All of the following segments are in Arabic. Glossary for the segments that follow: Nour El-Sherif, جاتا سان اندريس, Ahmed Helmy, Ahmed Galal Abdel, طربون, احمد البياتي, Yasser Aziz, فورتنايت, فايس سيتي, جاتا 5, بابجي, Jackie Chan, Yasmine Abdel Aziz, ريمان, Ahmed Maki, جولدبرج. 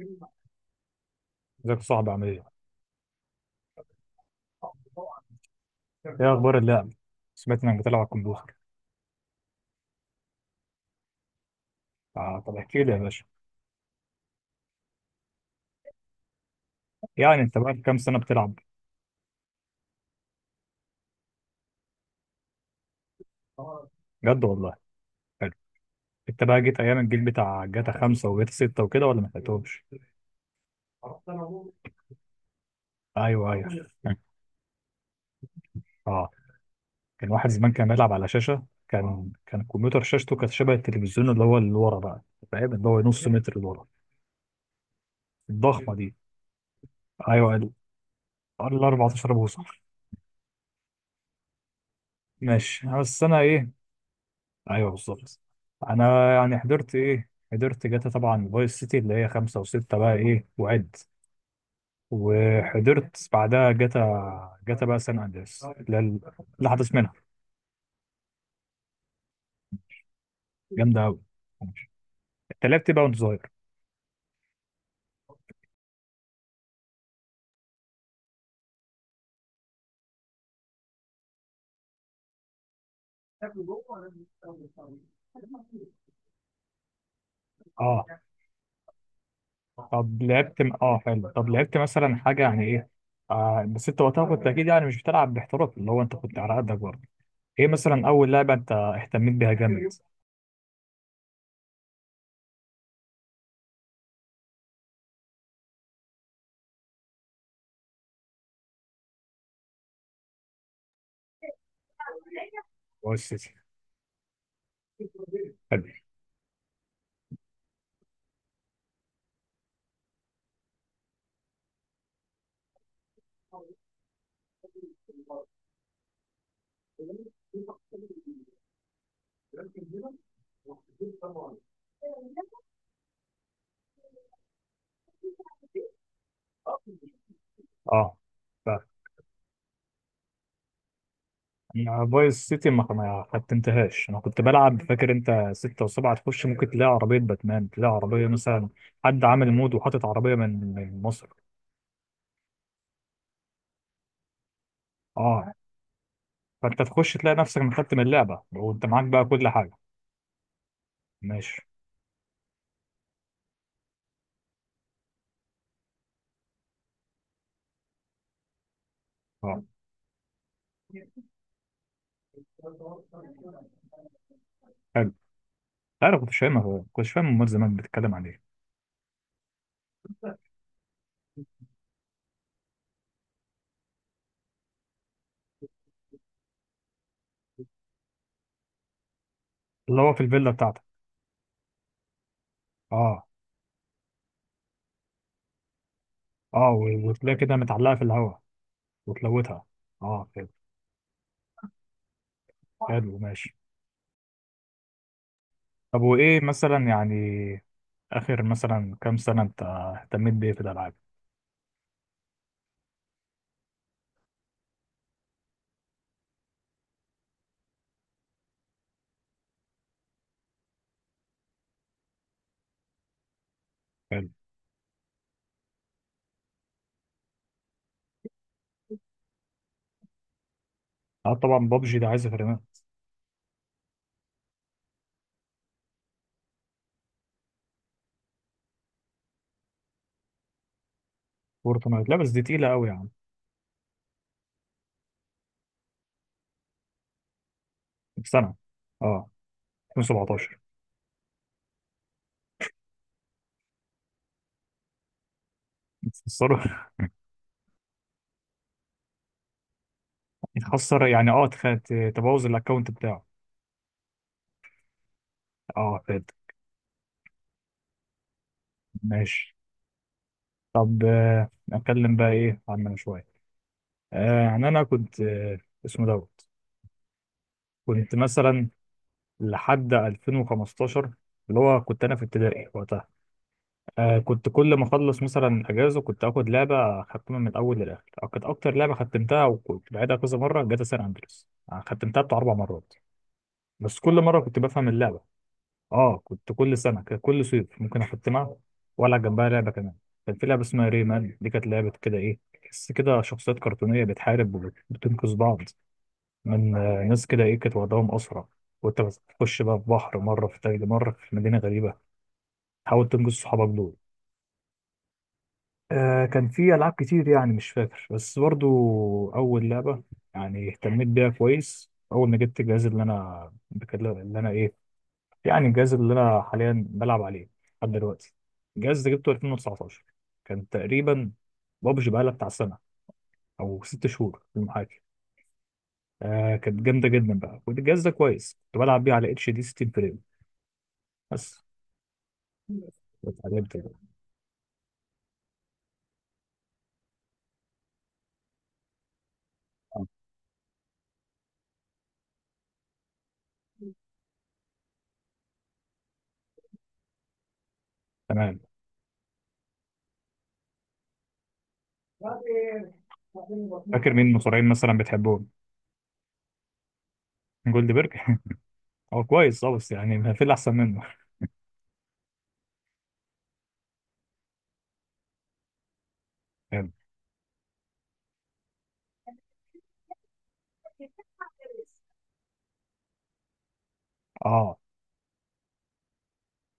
ازيك يا صاحبي، عامل ايه؟ ايه اخبار اللعب؟ سمعت انك بتلعب على الكمبيوتر. آه طب احكي لي يا باشا. يعني انت بقى كام سنة بتلعب؟ بجد والله. حلو. انت بقى جيت ايام الجيل بتاع جاتا 5 وجاتا 6 وكده، ولا ما لحقتهمش؟ ايوه ايوه. اه. كان واحد زمان كان بيلعب على شاشة، كان الكمبيوتر شاشته كانت شبه التلفزيون اللي هو اللي ورا بقى. فاهم، اللي هو نص متر اللي ورا. الضخمة دي. ايوه ال 14 بوصة. ماشي بس انا ايه. ايوه بالظبط. انا يعني حضرت ايه حضرت جاتا طبعا، فايس سيتي اللي هي خمسة وستة بقى ايه وعد. وحضرت بعدها جاتا بقى سان اندريس اللي هي. اللي حدث منها. جامدة أوي. انت لعبت بقى وانت صغير. اه طب لعبت اه حلو طب لعبت مثلا حاجة يعني ايه. بس انت وقتها كنت اكيد يعني مش بتلعب باحتراف، اللي هو انت كنت على قدك برضه. ايه مثلا اول لعبة انت اهتميت بيها جامد؟ فايس سيتي. حلو. اه. أنا فايس سيتي ما ختمتهاش، انا كنت بلعب، فاكر انت ستة وسبعة تخش ممكن تلاقي عربية باتمان، تلاقي عربية مثلا. حد عامل مود وحاطط عربية من مصر. اه. فانت تخش تلاقي نفسك مختم اللعبة وانت معاك بقى كل حاجة. ماشي. اه حلو. لا، انا كنتش فاهمها، كنتش فاهم امال زمان بتتكلم عن ايه. اللي هو في الفيلا بتاعتك. اه. اه و- وتلاقي كده متعلقة في الهواء وتلوتها. اه حلو. حلو ماشي. طب وايه مثلا يعني؟ اخر مثلا كام سنة انت اهتميت بايه في الالعاب؟ اه طبعا بابجي ده عايز فريمات. فورتنايت لا، بس دي تقيله قوي يا عم. في سنه. اه 2017. يتخسروا. يتخسر يعني اه تبوظ الاكونت بتاعه. اه فاد. ماشي. طب نتكلم بقى ايه عننا شويه. يعني انا كنت. اسمه دوت. كنت مثلا. لحد 2015. اللي هو كنت انا في ابتدائي وقتها. كنت كل ما اخلص مثلا اجازه كنت اخد لعبه اختمها من الاول للاخر، أو كانت اكتر لعبه ختمتها وكنت بعيدها كذا مره، جاتا سان اندريس ختمتها بتاع 4 مرات. بس كل مره كنت بفهم اللعبه. اه كنت كل سنه، كان كل صيف ممكن اختمها. والعب جنبها لعبه كمان. كان في لعبه اسمها ريمان، دي كانت لعبه كده ايه، تحس كده شخصيات كرتونيه بتحارب. وبتنقذ بعض. من ناس كده ايه كانت وضعهم اسرع. وانت بتخش بقى في بحر مره، في تلج مره، في مدينه غريبه. تحاول تنقذ صحابك دول. كان في ألعاب كتير يعني مش فاكر بس برضو. أول لعبة يعني اهتميت بيها كويس أول ما جبت الجهاز اللي أنا بكلم اللي أنا إيه، يعني الجهاز اللي أنا حاليا بلعب عليه لحد دلوقتي. الجهاز ده جبته 2019 كان تقريبا. بابجي بقالها بتاع سنة أو 6 شهور في المحاكي. كانت جامدة جدا بقى، والجهاز ده كويس، كنت بلعب بيه على اتش دي 60 فريم بس. اتعلمت بقى. آه، تمام. فاكر مين المصارعين مثلا بتحبهم؟ جولد بيرج. هو كويس اه، بس يعني ما في اللي احسن منه. حلو اه.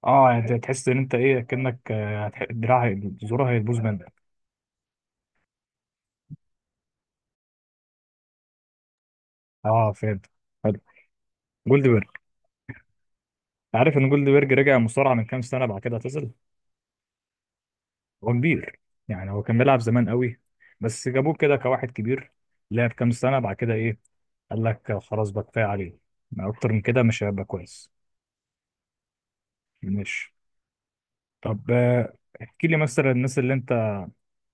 اه يعني انت تحس ان انت ايه كأنك الدراع زورها هيبوظ منك. اه فهمت. حلو. جولدبرج. عارف ان جولدبرج رجع مصارعة من كام سنة، بعد كده اعتزل. هو كبير. يعني هو كان بيلعب زمان قوي. بس جابوه كده كواحد كبير، لعب كام سنة بعد كده ايه، قال لك خلاص بقى كفاية عليه، ما اكتر من كده مش هيبقى كويس. مش. طب احكي لي مثلا الناس اللي انت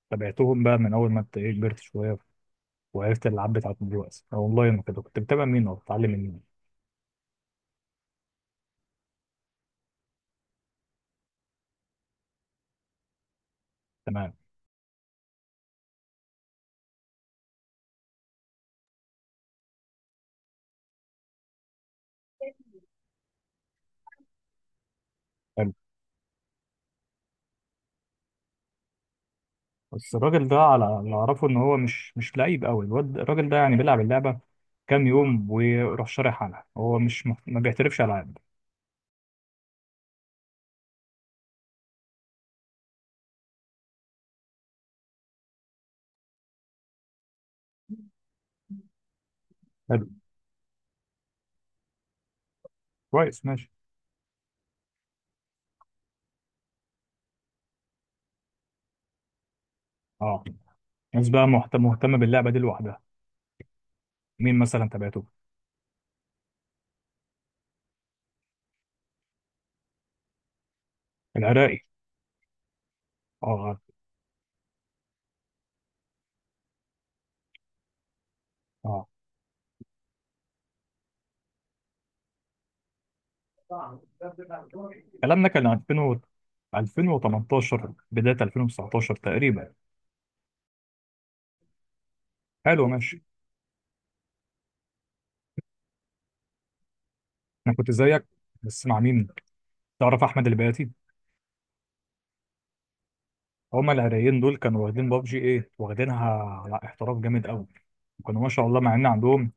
تابعتهم بقى من اول ما انت ايه كبرت شوية وعرفت الالعاب بتاعتهم دلوقتي اونلاين وكده، كنت بتابع مين او بتتعلم من مين؟ تمام. بس الراجل ده على اللي اعرفه ان هو مش لعيب قوي، الواد الراجل ده يعني بيلعب اللعبه كام يوم ويروح شارح عنها، هو مش ما بيعترفش العاب. حلو. كويس ماشي. اه. ناس بقى مهتمه باللعبه دي لوحدها. مين مثلا تابعته؟ العراقي. اه عارف. اه. الكلام ده كان 2000 . 2018 بدايه 2019 تقريبا. حلو ماشي. انا كنت زيك. بس مع مين؟ تعرف احمد البياتي؟ هما العراقيين دول كانوا واخدين بابجي ايه، واخدينها على احتراف جامد قوي. كانوا ما شاء الله، مع ان عندهم،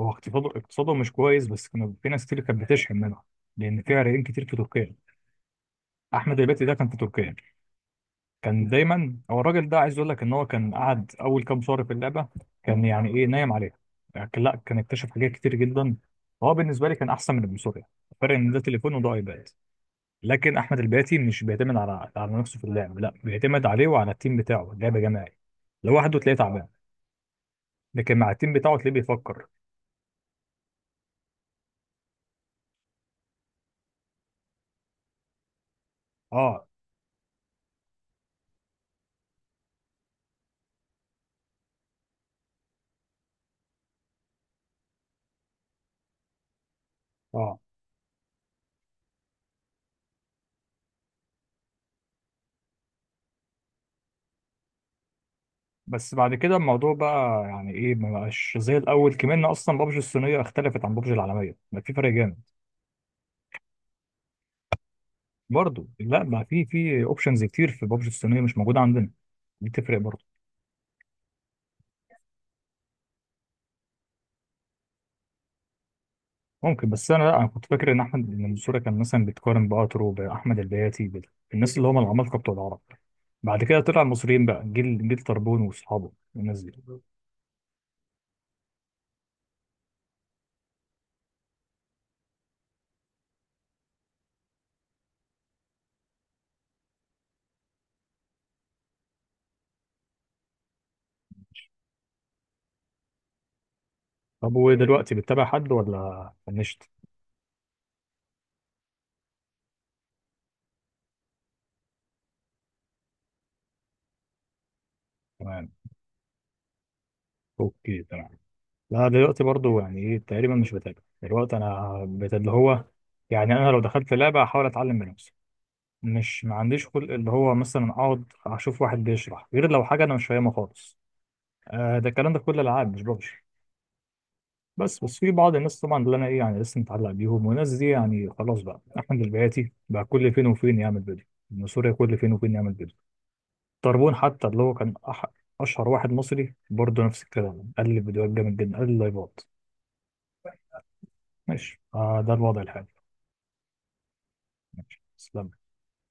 هو اقتصاده مش كويس، بس كانوا في ناس كتير كانت بتشحن منها، لان في عراقيين كتير في تركيا. احمد الباتي ده كان في تركيا. كان دايما هو الراجل ده عايز يقول لك ان هو كان قعد اول كام شهر في اللعبه، كان يعني ايه نايم عليها. يعني لا كان اكتشف حاجات كتير جدا. هو بالنسبه لي كان احسن من ابن سوريا. الفرق ان ده تليفون وده ايباد. لكن احمد الباتي مش بيعتمد على نفسه في اللعب، لا بيعتمد عليه وعلى التيم بتاعه، اللعب جماعي. لوحده تلاقيه تعبان، لكن مع التيم بتاعه تلاقيه بيفكر. اه. اه. بس بعد كده الموضوع بقى يعني ايه ما بقاش زي الاول، كمان اصلا بابجي الصينيه اختلفت عن بابجي العالميه بقى، في فرق جامد. برضه لا، بقى في اوبشنز كتير في بابجي الصينيه مش موجوده عندنا. دي تفرق برضه. ممكن، بس انا لا انا كنت فاكر ان احمد ان المنصوره كان مثلا بيتقارن باترو، باحمد البياتي، بالناس اللي هم العمالقه بتوع العرب. بعد كده طلع المصريين بقى، جيل جيل طربون واصحابه الناس دي. طب ودلوقتي بتتابع حد ولا فنشت؟ تمام. اوكي تمام. لا، دلوقتي برضو يعني ايه تقريبا مش بتابع، دلوقتي انا اللي هو، يعني انا لو دخلت لعبه احاول اتعلم من نفسي. مش ما عنديش خلق اللي هو مثلا اقعد اشوف واحد بيشرح، غير لو حاجه انا مش فاهمها خالص. ده الكلام ده في كل الالعاب، مش ببجي. بس في بعض الناس طبعا اللي انا ايه يعني لسه متعلق بيهم، والناس دي يعني خلاص بقى، احمد البياتي بقى كل فين وفين يعمل فيديو، من سوريا كل فين وفين يعمل فيديو. طربون حتى اللي هو كان اشهر واحد مصري، برضه نفس الكلام، قال لي فيديوهات جامد جدا، قال لي لايفات. ماشي. ده الوضع الحالي. تسلم.